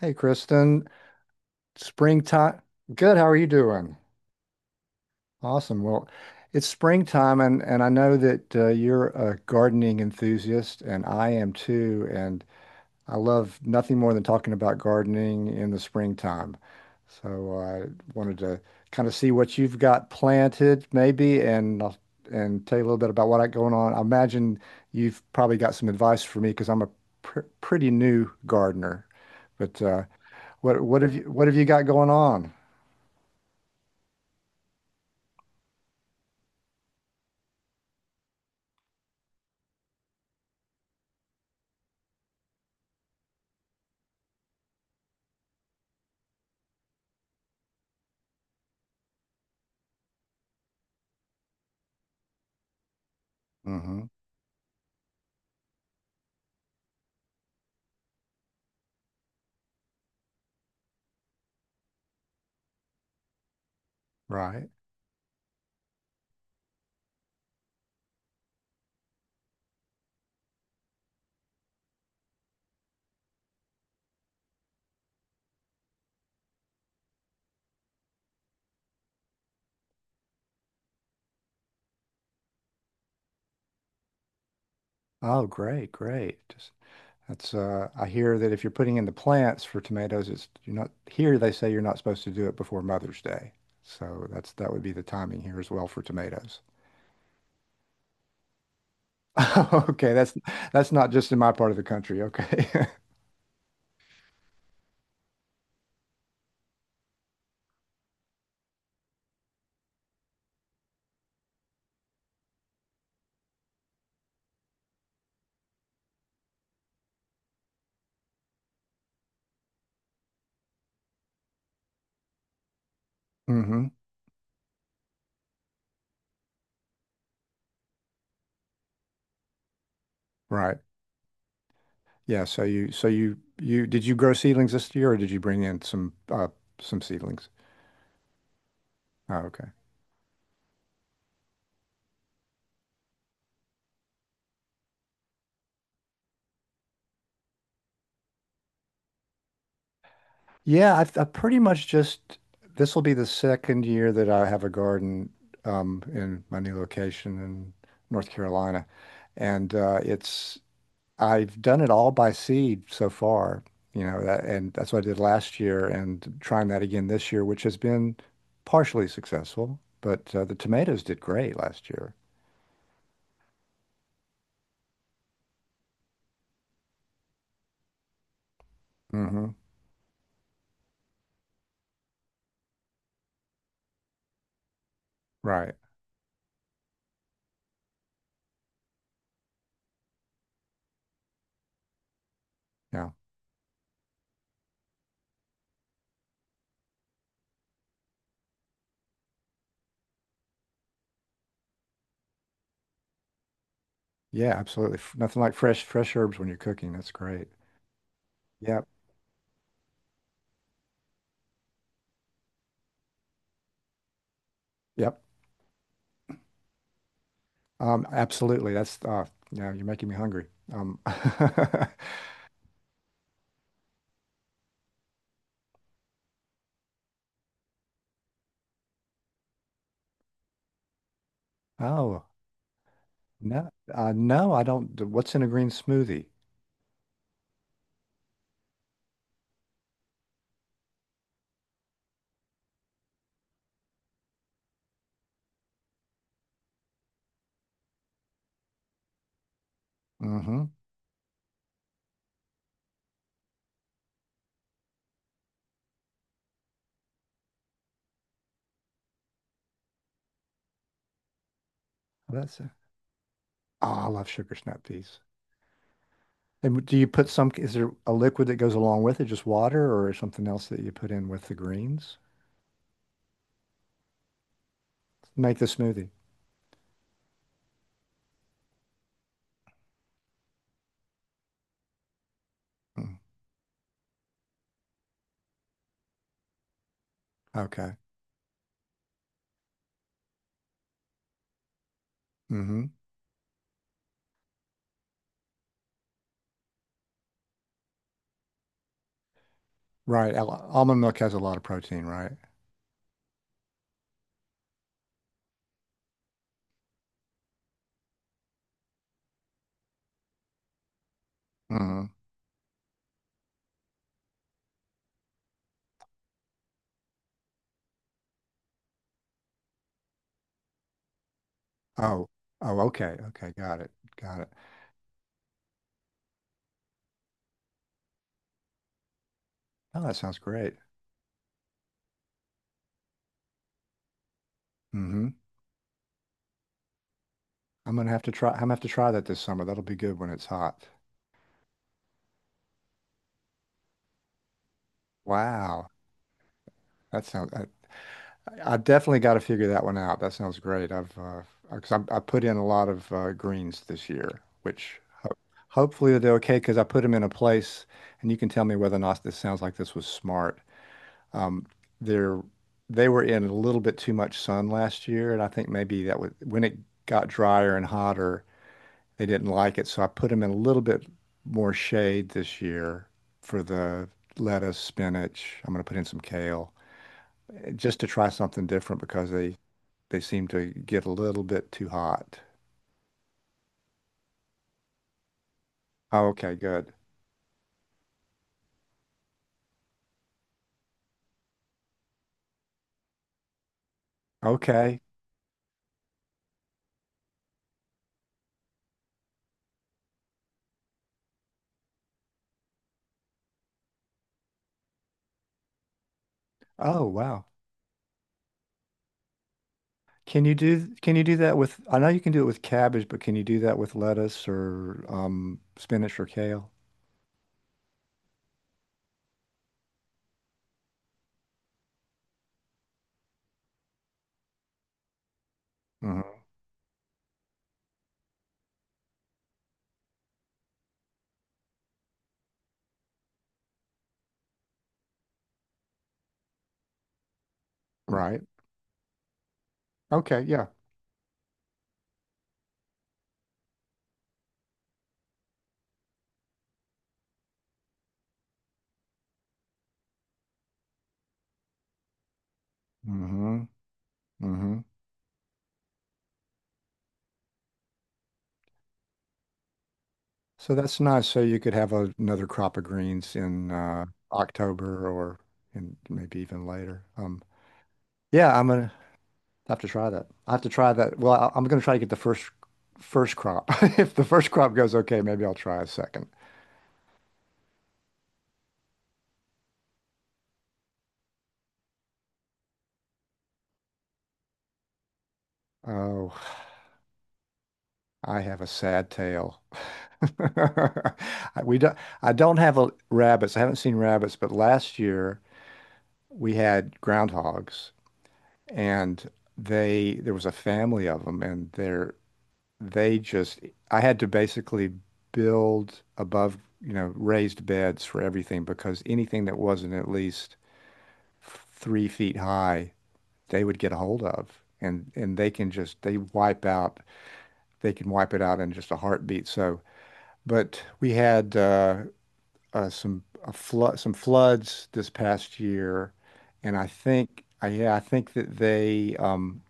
Hey, Kristen. Springtime. Good. How are you doing? Awesome. Well, it's springtime, and I know that you're a gardening enthusiast, and I am too. And I love nothing more than talking about gardening in the springtime. So I wanted to kind of see what you've got planted, maybe, and tell you a little bit about what I got going on. I imagine you've probably got some advice for me because I'm a pr pretty new gardener, but what have you got going on? Hmm. Right. Oh, great, great. Just that's I hear that if you're putting in the plants for tomatoes, it's you're not here they say you're not supposed to do it before Mother's Day. So that would be the timing here as well for tomatoes. Okay, that's not just in my part of the country. Okay. Hmm. Right. Yeah, so you did you grow seedlings this year or did you bring in some seedlings? Oh, okay. Yeah, I pretty much just, this will be the second year that I have a garden in my new location in North Carolina, and it's I've done it all by seed so far, you know, that, and that's what I did last year, and trying that again this year, which has been partially successful, but the tomatoes did great last year. Hmm. Right. Yeah. Yeah, absolutely. Nothing like fresh herbs when you're cooking. That's great. Yep. Yep. Absolutely. That's yeah, you're making me hungry. Um oh, no, I don't d- what's in a green smoothie? Mm-hmm. That's it. Oh, I love sugar snap peas. And do you put some, is there a liquid that goes along with it, just water or is something else that you put in with the greens? Make the smoothie. Mm, Okay. Mm-hmm. Right. Almond milk has a lot of protein, right? Mm-hmm. Oh. Oh, okay. Okay, got it. Got it. Oh, that sounds great. Mm-hmm. I'm gonna have to try. I'm gonna have to try that this summer. That'll be good when it's hot. Wow, that sounds. I definitely got to figure that one out. That sounds great. I've because I put in a lot of greens this year, which hopefully they're okay because I put them in a place, and you can tell me whether or not this sounds like this was smart. Um, they're they were in a little bit too much sun last year, and I think maybe that was when it got drier and hotter. They didn't like it, so I put them in a little bit more shade this year for the lettuce, spinach. I'm going to put in some kale just to try something different because they seem to get a little bit too hot. Oh, okay, good. Okay. Oh, wow. Can you do that with, I know you can do it with cabbage, but can you do that with lettuce or spinach or kale? Hmm. Right. Okay, yeah. Mm-hmm. Mm-hmm. So that's nice. So you could have a, another crop of greens in October or in maybe even later. Yeah, I'm gonna have to try that. I have to try that. Well, I'm gonna try to get the first crop. If the first crop goes okay, maybe I'll try a second. Oh, I have a sad tale. We don't. I don't have a, rabbits. I haven't seen rabbits, but last year we had groundhogs, and they there was a family of them, and they're they just I had to basically build above, you know, raised beds for everything because anything that wasn't at least 3 feet high, they would get a hold of. And they can just they wipe out, they can wipe it out in just a heartbeat. So, but we had some floods this past year, and I think that they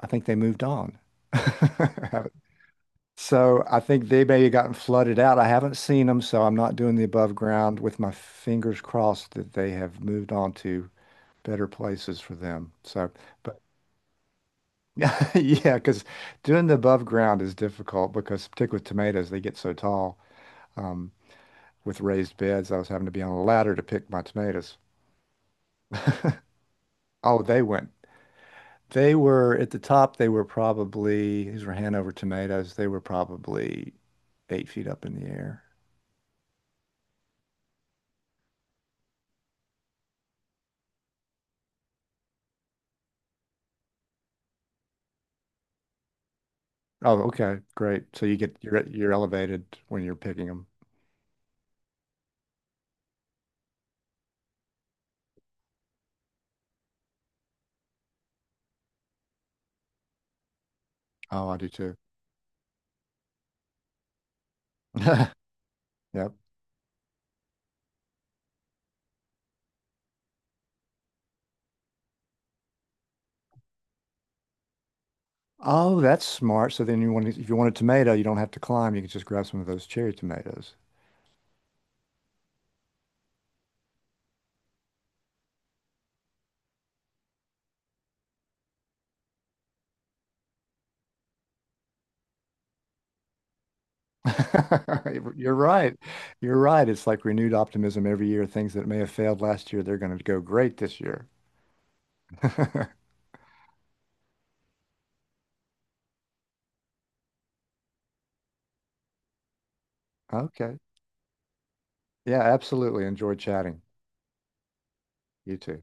I think they moved on. I So I think they may have gotten flooded out. I haven't seen them, so I'm not doing the above ground, with my fingers crossed that they have moved on to better places for them. So, but yeah, because doing the above ground is difficult because particularly with tomatoes, they get so tall. Um, with raised beds, I was having to be on a ladder to pick my tomatoes. Oh, they went. They were at the top. They were probably, these were Hanover tomatoes. They were probably 8 feet up in the air. Oh, okay, great. So you get, you're elevated when you're picking them. Oh, I do too. Yep. Oh, that's smart. So then you want to, if you want a tomato, you don't have to climb. You can just grab some of those cherry tomatoes. You're right. You're right. It's like renewed optimism every year. Things that may have failed last year, they're going to go great this year. Okay. Yeah, absolutely. Enjoy chatting. You too.